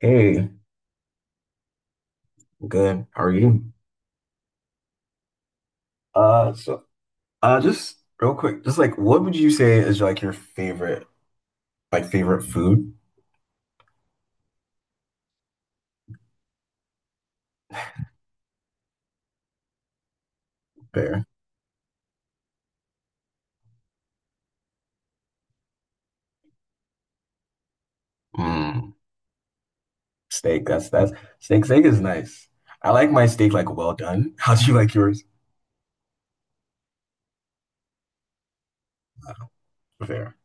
Hey, good. How are you? So just real quick, just like what would you say is like your favorite, like favorite food there? Mm, Steak. That's steak. Steak is nice. I like my steak like well done. How do you like yours? Fair,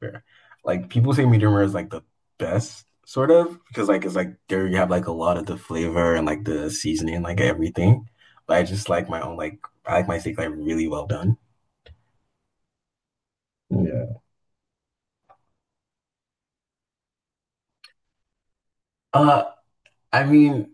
fair. Like people say medium rare is like the best, sort of, because like it's like there you have like a lot of the flavor and like the seasoning, like everything. But I just like my own like I like my steak like really well done. Yeah. Uh, I mean,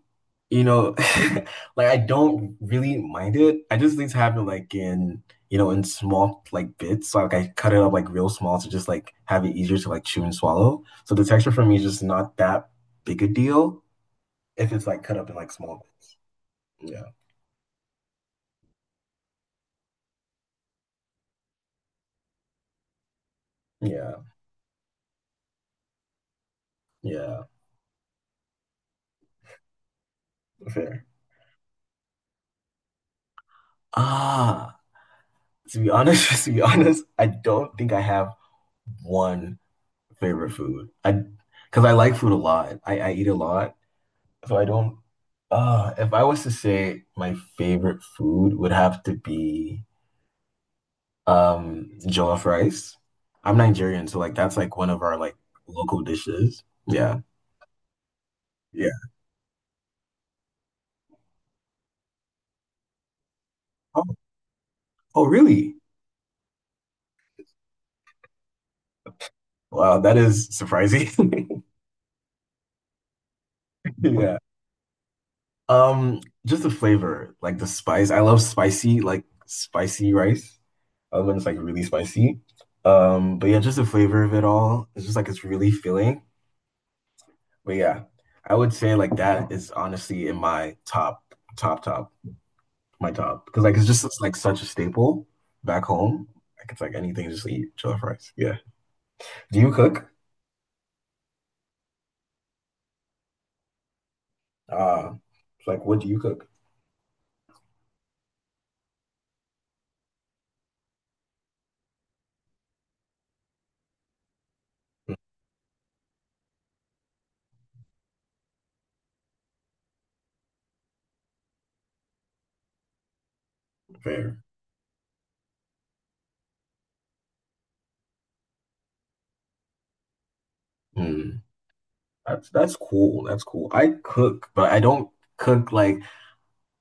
you know, like I don't really mind it. I just need to have it like in, in small like bits. So like I cut it up like real small to just like have it easier to like chew and swallow. So the texture for me is just not that big a deal if it's like cut up in like small bits. Yeah. Yeah. Yeah. Fair. Ah, to be honest, I don't think I have one favorite food. I Because I like food a lot. I eat a lot. So I don't. If I was to say my favorite food would have to be jollof rice. I'm Nigerian, so like that's like one of our like local dishes. Yeah. Yeah. Oh, oh really? Wow, that is surprising. Yeah. Just the flavor, like the spice. I love spicy, like spicy rice. I love when it's like really spicy. But yeah, just the flavor of it all. It's just like it's really filling. But yeah, I would say like that is honestly in my top, top, top, my top. Because like it's, like such a staple back home. Like it's like anything, just eat chili fries. Yeah. Do you cook? Uh, it's like what do you cook? Fair. Mm. That's cool. That's cool. I cook, but I don't cook like,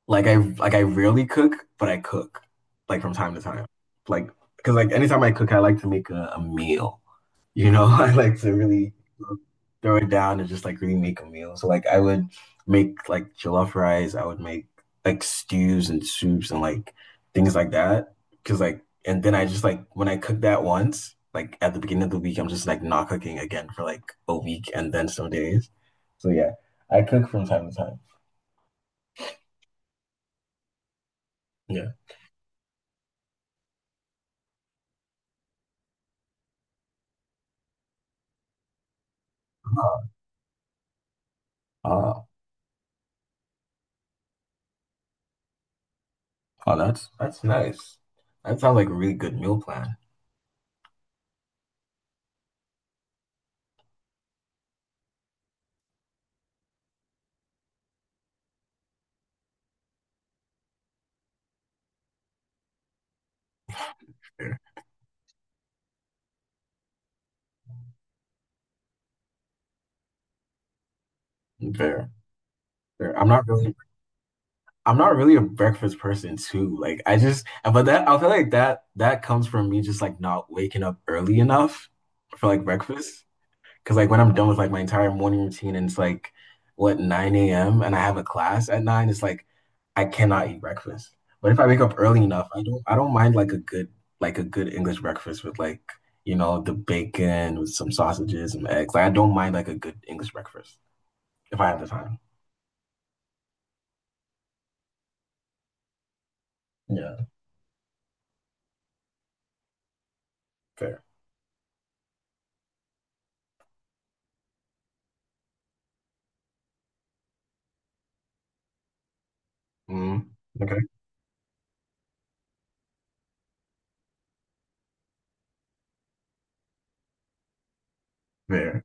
like I rarely cook, but I cook like from time to time. Like because like anytime I cook, I like to make a meal. You know, I like to really throw it down and just like really make a meal. So like I would make like jollof rice, I would make like stews and soups and like things like that. Because like and then I just like when I cook that once, like at the beginning of the week, I'm just like not cooking again for like a week and then some days. So yeah, I cook from time to time. Yeah. Uh, oh, that's nice. That sounds like a really good meal plan. Fair, fair, fair. I'm not really a breakfast person too. Like I just, but that I feel like that that comes from me just like not waking up early enough for like breakfast. Because like when I'm done with like my entire morning routine and it's like what 9 a.m. and I have a class at 9, it's like I cannot eat breakfast. But if I wake up early enough, I don't mind like a good English breakfast with like the bacon with some sausages and eggs. Like I don't mind like a good English breakfast if I have the time. Yeah, fair. Mm, okay, fair.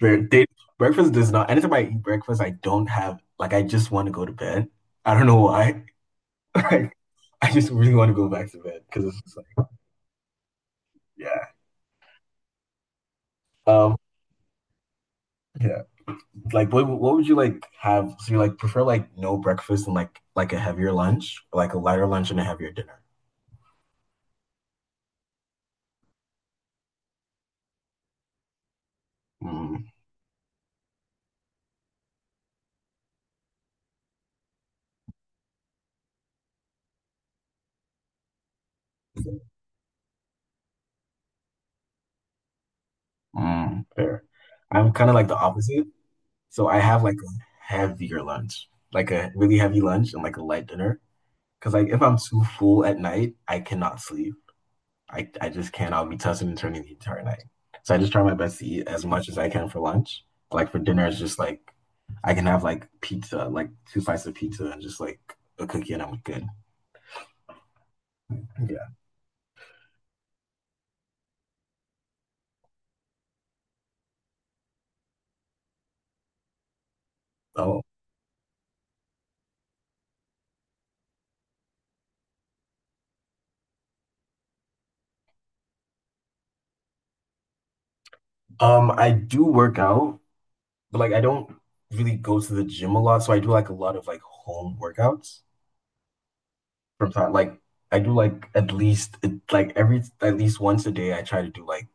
Bre- they- Breakfast does not. Anytime I eat breakfast, I don't have like I just want to go to bed. I don't know why. Like I just really want to go back to bed because it's just like yeah, um, yeah. Like what would you like have? So you like prefer like no breakfast and like a heavier lunch, or, like a lighter lunch and a heavier dinner. Mm, mm, fair. I'm kind of like the opposite. So I have like a heavier lunch, like a really heavy lunch and like a light dinner. Because like if I'm too full at night, I cannot sleep. I just can't. I'll be tossing and turning the entire night. So I just try my best to eat as much as I can for lunch. Like for dinner, it's just like I can have like pizza, like two slices of pizza and just like a cookie and I'm good. Yeah. Oh. I do work out, but like I don't really go to the gym a lot. So I do like a lot of like home workouts from time. Like I do like at least like every at least once a day I try to do like,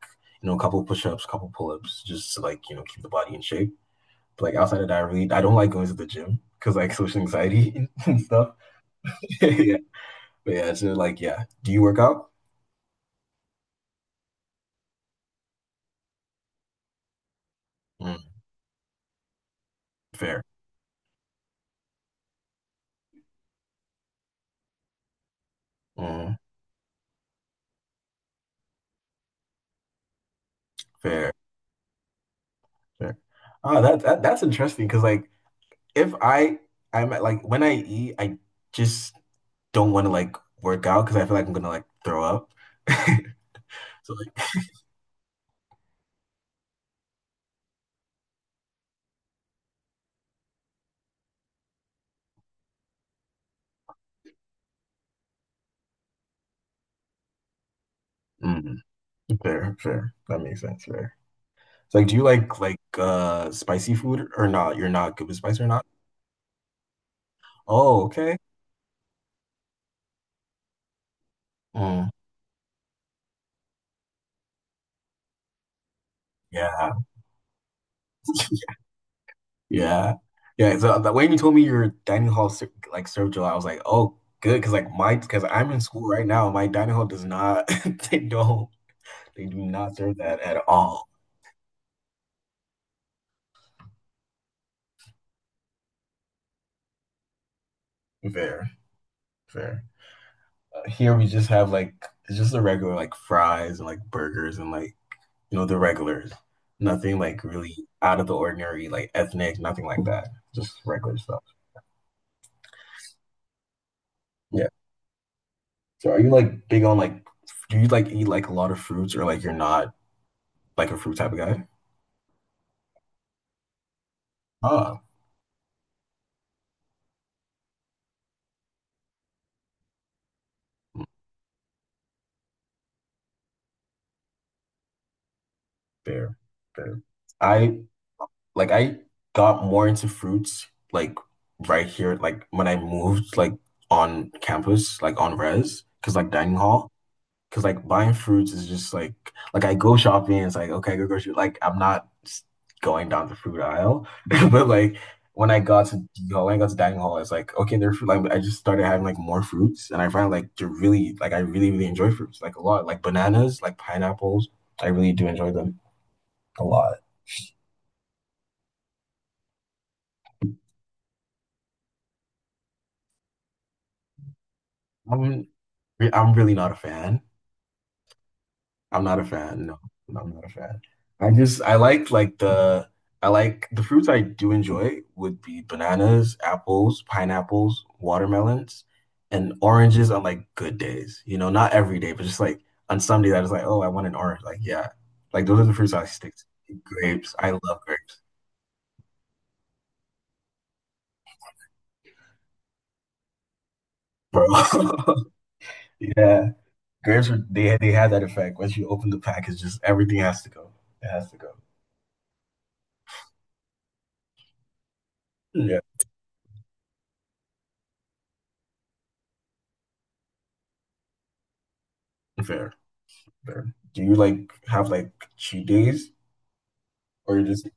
a couple push-ups, couple pull-ups, just to like, keep the body in shape. But, like outside of that, I don't like going to the gym because like social anxiety and stuff. yeah, but yeah, so like yeah, do you work out? Mm, fair, mm, fair, fair. That's interesting because like if I I'm at, like when I eat, I just don't want to like work out because I feel like I'm gonna like throw up. So like, mm, fair, fair. That makes sense. Fair. So like, do you like spicy food or not? You're not good with spice or not? Oh, okay. Mm, yeah. Yeah. Yeah. So when you told me your dining hall like served gelato, I was like, oh, good. Cause like cause I'm in school right now. My dining hall does not, they don't, they do not serve that at all. Fair, fair. Here we just have like, it's just the regular like fries and like burgers and like, the regulars. Nothing like really out of the ordinary, like ethnic, nothing like that. Just regular stuff. Yeah. So are you like big on like, do you like eat like a lot of fruits or like you're not like a fruit type of guy? Oh. Fair, fair. I I got more into fruits like right here, like when I moved like on campus, like on res, because like dining hall, because like buying fruits is just like I go shopping, it's like okay, go grocery, like I'm not going down the fruit aisle, but like when I got to dining hall, it's like okay, they're fruit. Like I just started having like more fruits, and I find like to really like I really really enjoy fruits like a lot, like bananas, like pineapples. I really do enjoy them a lot. I'm I'm really not a fan. I'm not a fan. No, I'm not a fan. I just I like the I like the fruits I do enjoy would be bananas, apples, pineapples, watermelons, and oranges on like good days. You know, not every day, but just like on some days I was like, oh, I want an orange. Like, yeah. Like those are the fruits I stick to. Grapes. I love grapes, bro. Yeah. Grapes are they have that effect. Once you open the package, just everything has to go. It has to go. Yeah. Fair. There? Do you like have like cheat days or you're just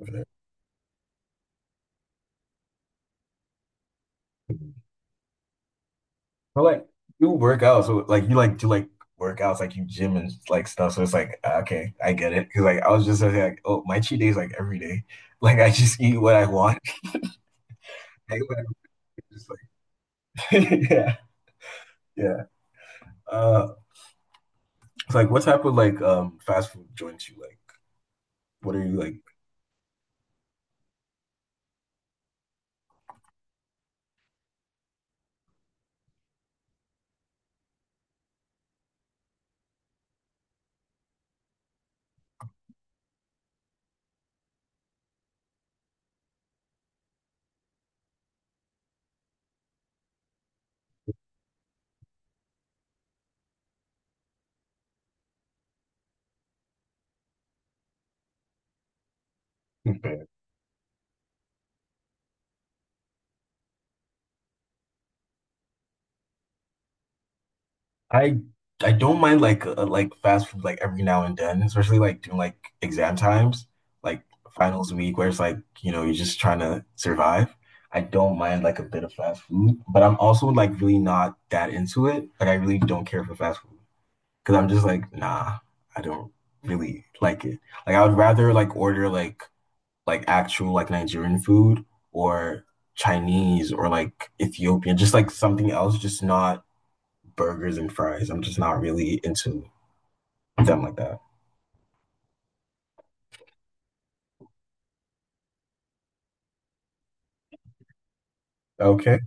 over there? But like you work out, so like you like do like workouts, like you gym and like stuff. So it's like ah, okay, I get it. Because like I was just like, oh, my cheat day is like every day. Like I just eat what I want. I what I want. Just like yeah, yeah. Uh, it's like what type of like fast food joints you like? What are you like? I I don't mind like fast food like every now and then, especially like during like exam times, like finals week where it's like, you're just trying to survive. I don't mind like a bit of fast food, but I'm also like really not that into it. Like I really don't care for fast food because I'm just like, nah, I don't really like it. Like I would rather like order like actual like Nigerian food or Chinese or like Ethiopian, just like something else, just not burgers and fries. I'm just not really into them like that. Okay.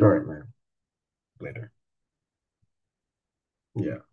All right, man. Later. Yeah.